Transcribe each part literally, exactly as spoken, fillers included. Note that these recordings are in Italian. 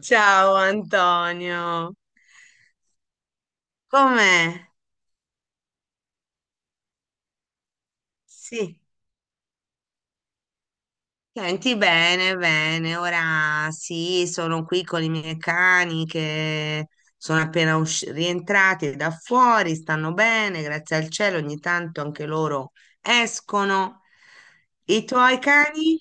Ciao Antonio, com'è? Sì, senti bene, bene. Ora sì, sono qui con i miei cani che sono appena usci- rientrati da fuori, stanno bene, grazie al cielo, ogni tanto anche loro escono. I tuoi cani?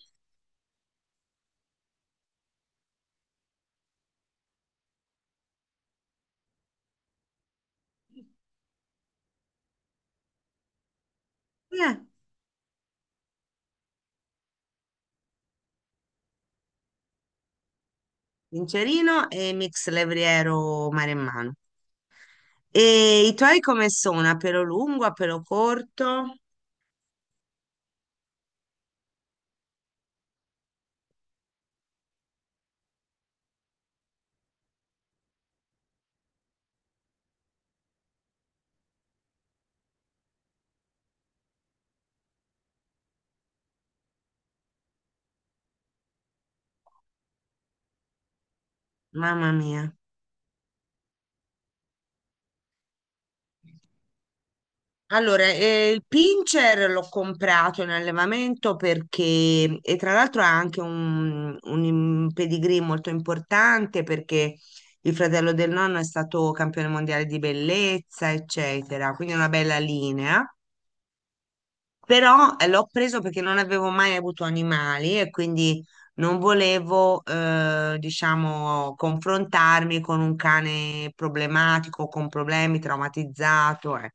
Eh, Vincerino e Mix Levriero Maremmano. E i tuoi come sono? A pelo lungo, a pelo corto? Mamma mia. Allora, eh, il pincher l'ho comprato in allevamento perché, e tra l'altro ha anche un, un im- pedigree molto importante perché il fratello del nonno è stato campione mondiale di bellezza, eccetera, quindi è una bella linea. Però eh, l'ho preso perché non avevo mai avuto animali e quindi non volevo, eh, diciamo, confrontarmi con un cane problematico, con problemi, traumatizzato. eh.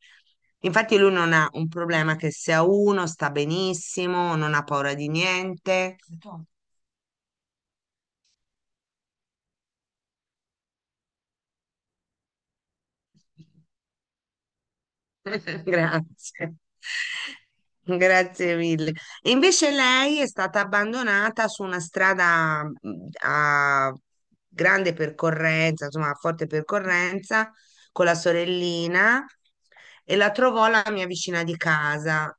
Infatti lui non ha un problema che se ha uno sta benissimo, non ha paura di niente. Grazie. Grazie mille. E invece lei è stata abbandonata su una strada mh, a grande percorrenza, insomma, a forte percorrenza, con la sorellina e la trovò la mia vicina di casa.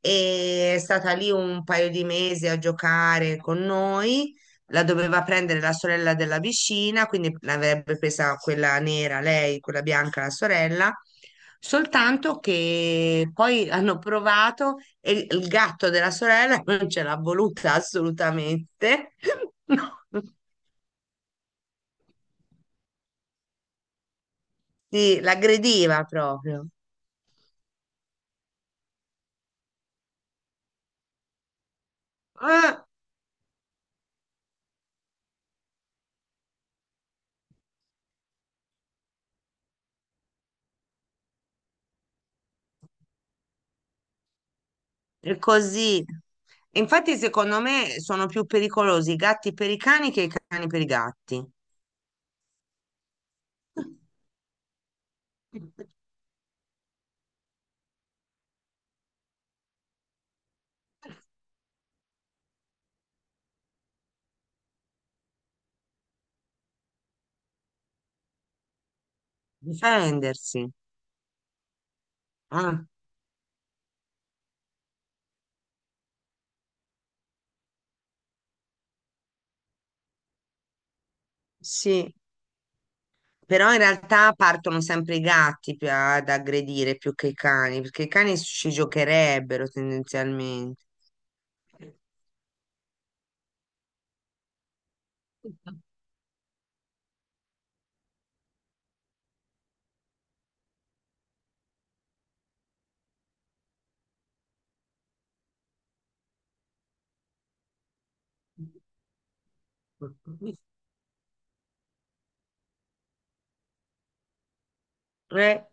E è stata lì un paio di mesi a giocare con noi. La doveva prendere la sorella della vicina, quindi l'avrebbe presa quella nera lei, quella bianca la sorella, soltanto che poi hanno provato e il gatto della sorella non ce l'ha voluta assolutamente, no. Sì, l'aggrediva proprio. Ah, è così. Infatti, secondo me sono più pericolosi i gatti per i cani che i cani per i gatti. Difendersi. Ah, sì. Però in realtà partono sempre i gatti più a- ad aggredire più che i cani, perché i cani ci giocherebbero tendenzialmente. Eh,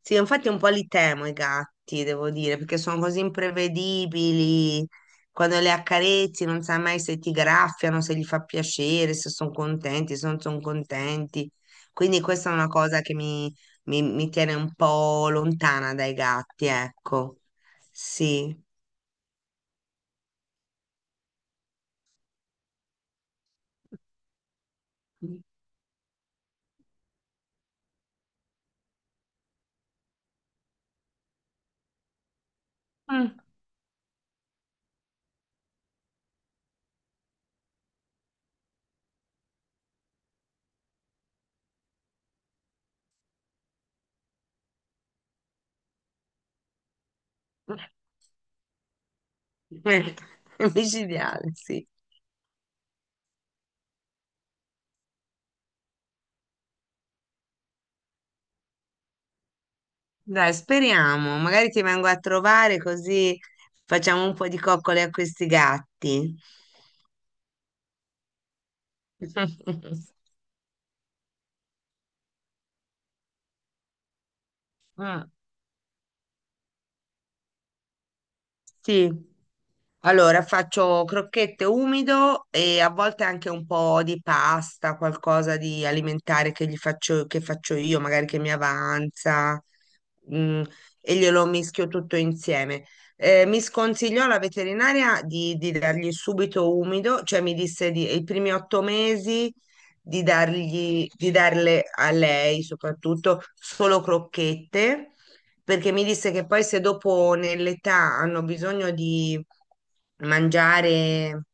sì, infatti un po' li temo i gatti, devo dire, perché sono così imprevedibili. Quando le accarezzi non sai mai se ti graffiano, se gli fa piacere, se sono contenti, se non sono contenti. Quindi questa è una cosa che mi, mi- mi tiene un po' lontana dai gatti, ecco. Sì. Eh, È micidiale, sì. Dai, speriamo. Magari ti vengo a trovare così facciamo un po' di coccole a questi gatti. Mm, sì. Allora, faccio crocchette umido e a volte anche un po' di pasta, qualcosa di alimentare che gli faccio, che faccio io, magari che mi avanza, mm, e glielo mischio tutto insieme. Eh, mi sconsigliò la veterinaria di, di dargli subito umido, cioè mi disse di, i primi otto mesi di dargli, di darle a lei soprattutto solo crocchette perché mi disse che poi se dopo nell'età hanno bisogno di mangiare,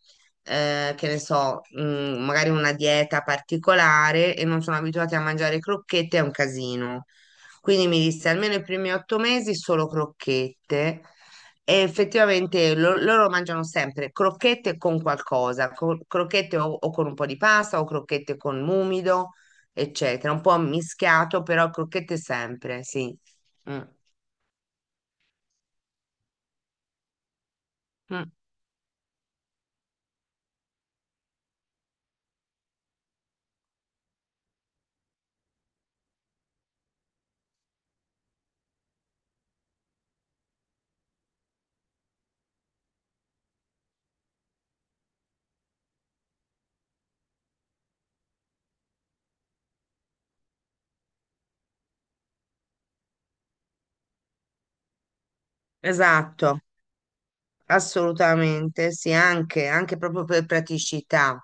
eh, che ne so, mm, magari una dieta particolare e non sono abituati a mangiare crocchette, è un casino. Quindi mi disse almeno i primi otto mesi solo crocchette. E effettivamente lo- loro mangiano sempre crocchette con qualcosa, co- crocchette o, o con un po' di pasta o crocchette con l'umido, eccetera. Un po' mischiato, però crocchette sempre, sì. Mm. Mm. Esatto, assolutamente, sì, anche, anche proprio per praticità.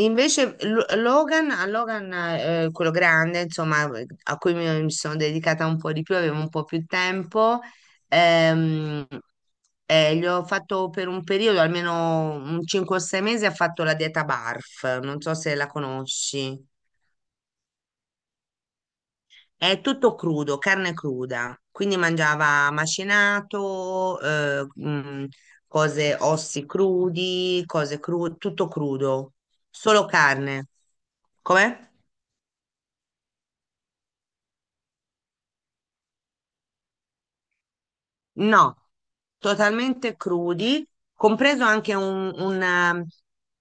Invece Lo- Logan, a Logan, eh, quello grande, insomma, a cui mi, mi sono dedicata un po' di più, avevo un po' più tempo, ehm, eh, gli ho fatto per un periodo, almeno un cinque o sei mesi, ha fatto la dieta BARF, non so se la conosci. È tutto crudo, carne cruda, quindi mangiava macinato, eh, mm, cose, ossi crudi, cose crude, tutto crudo, solo carne. Com'è? No, totalmente crudi, compreso anche un, un, eh,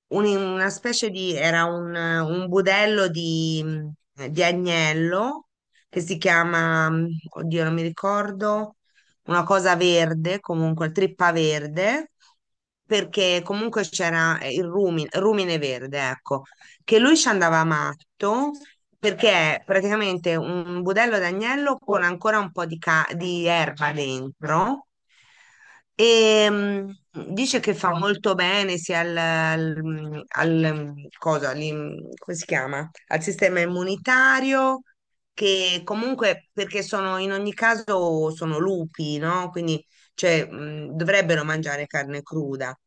un- una specie di, era un, eh, un budello di, mm, di agnello che si chiama, mm, oddio, non mi ricordo, una cosa verde, comunque, trippa verde, perché comunque c'era eh, il rumi- rumine verde, ecco, che lui ci andava matto perché è praticamente un budello d'agnello con ancora un po' di, ca- di erba dentro e mm, dice che fa molto bene sia al, al- al- mm, cosa, all'im- come si chiama? Al sistema immunitario che comunque perché sono in ogni caso sono lupi, no? Quindi cioè, mm, dovrebbero mangiare carne cruda.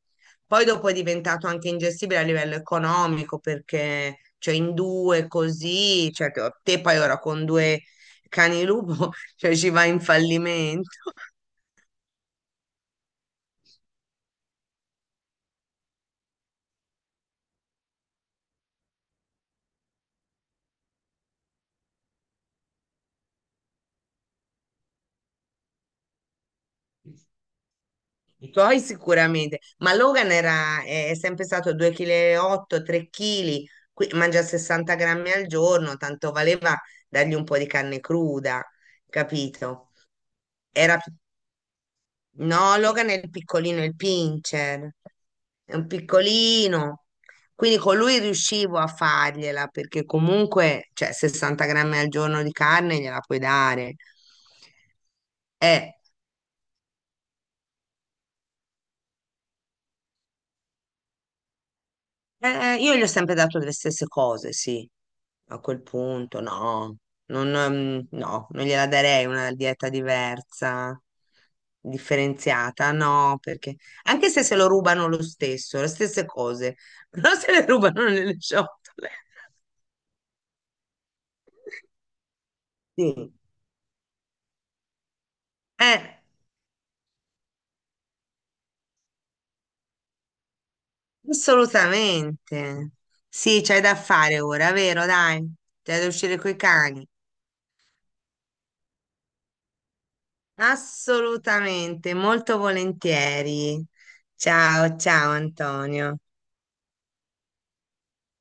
Poi dopo è diventato anche ingestibile a livello economico perché, cioè, in due così, cioè, te te poi ora con due cani lupo, cioè, ci va in fallimento. I tuoi sicuramente, ma Logan era, è sempre stato due virgola otto kg, tre chili, mangia sessanta grammi al giorno, tanto valeva dargli un po' di carne cruda, capito? Era più No, Logan è il piccolino, è il pincher, è un piccolino. Quindi con lui riuscivo a fargliela perché comunque, cioè, sessanta grammi al giorno di carne gliela puoi dare. Eh, Eh, io gli ho sempre dato le stesse cose, sì. A quel punto, no, non, ehm, no, non gliela darei una dieta diversa, differenziata, no, perché anche se se lo rubano lo stesso, le stesse cose, però se le rubano nelle ciotole. Sì. Eh, Assolutamente. Sì, c'hai da fare ora, vero? Dai, c'hai da uscire coi cani. Assolutamente, molto volentieri. Ciao, ciao Antonio.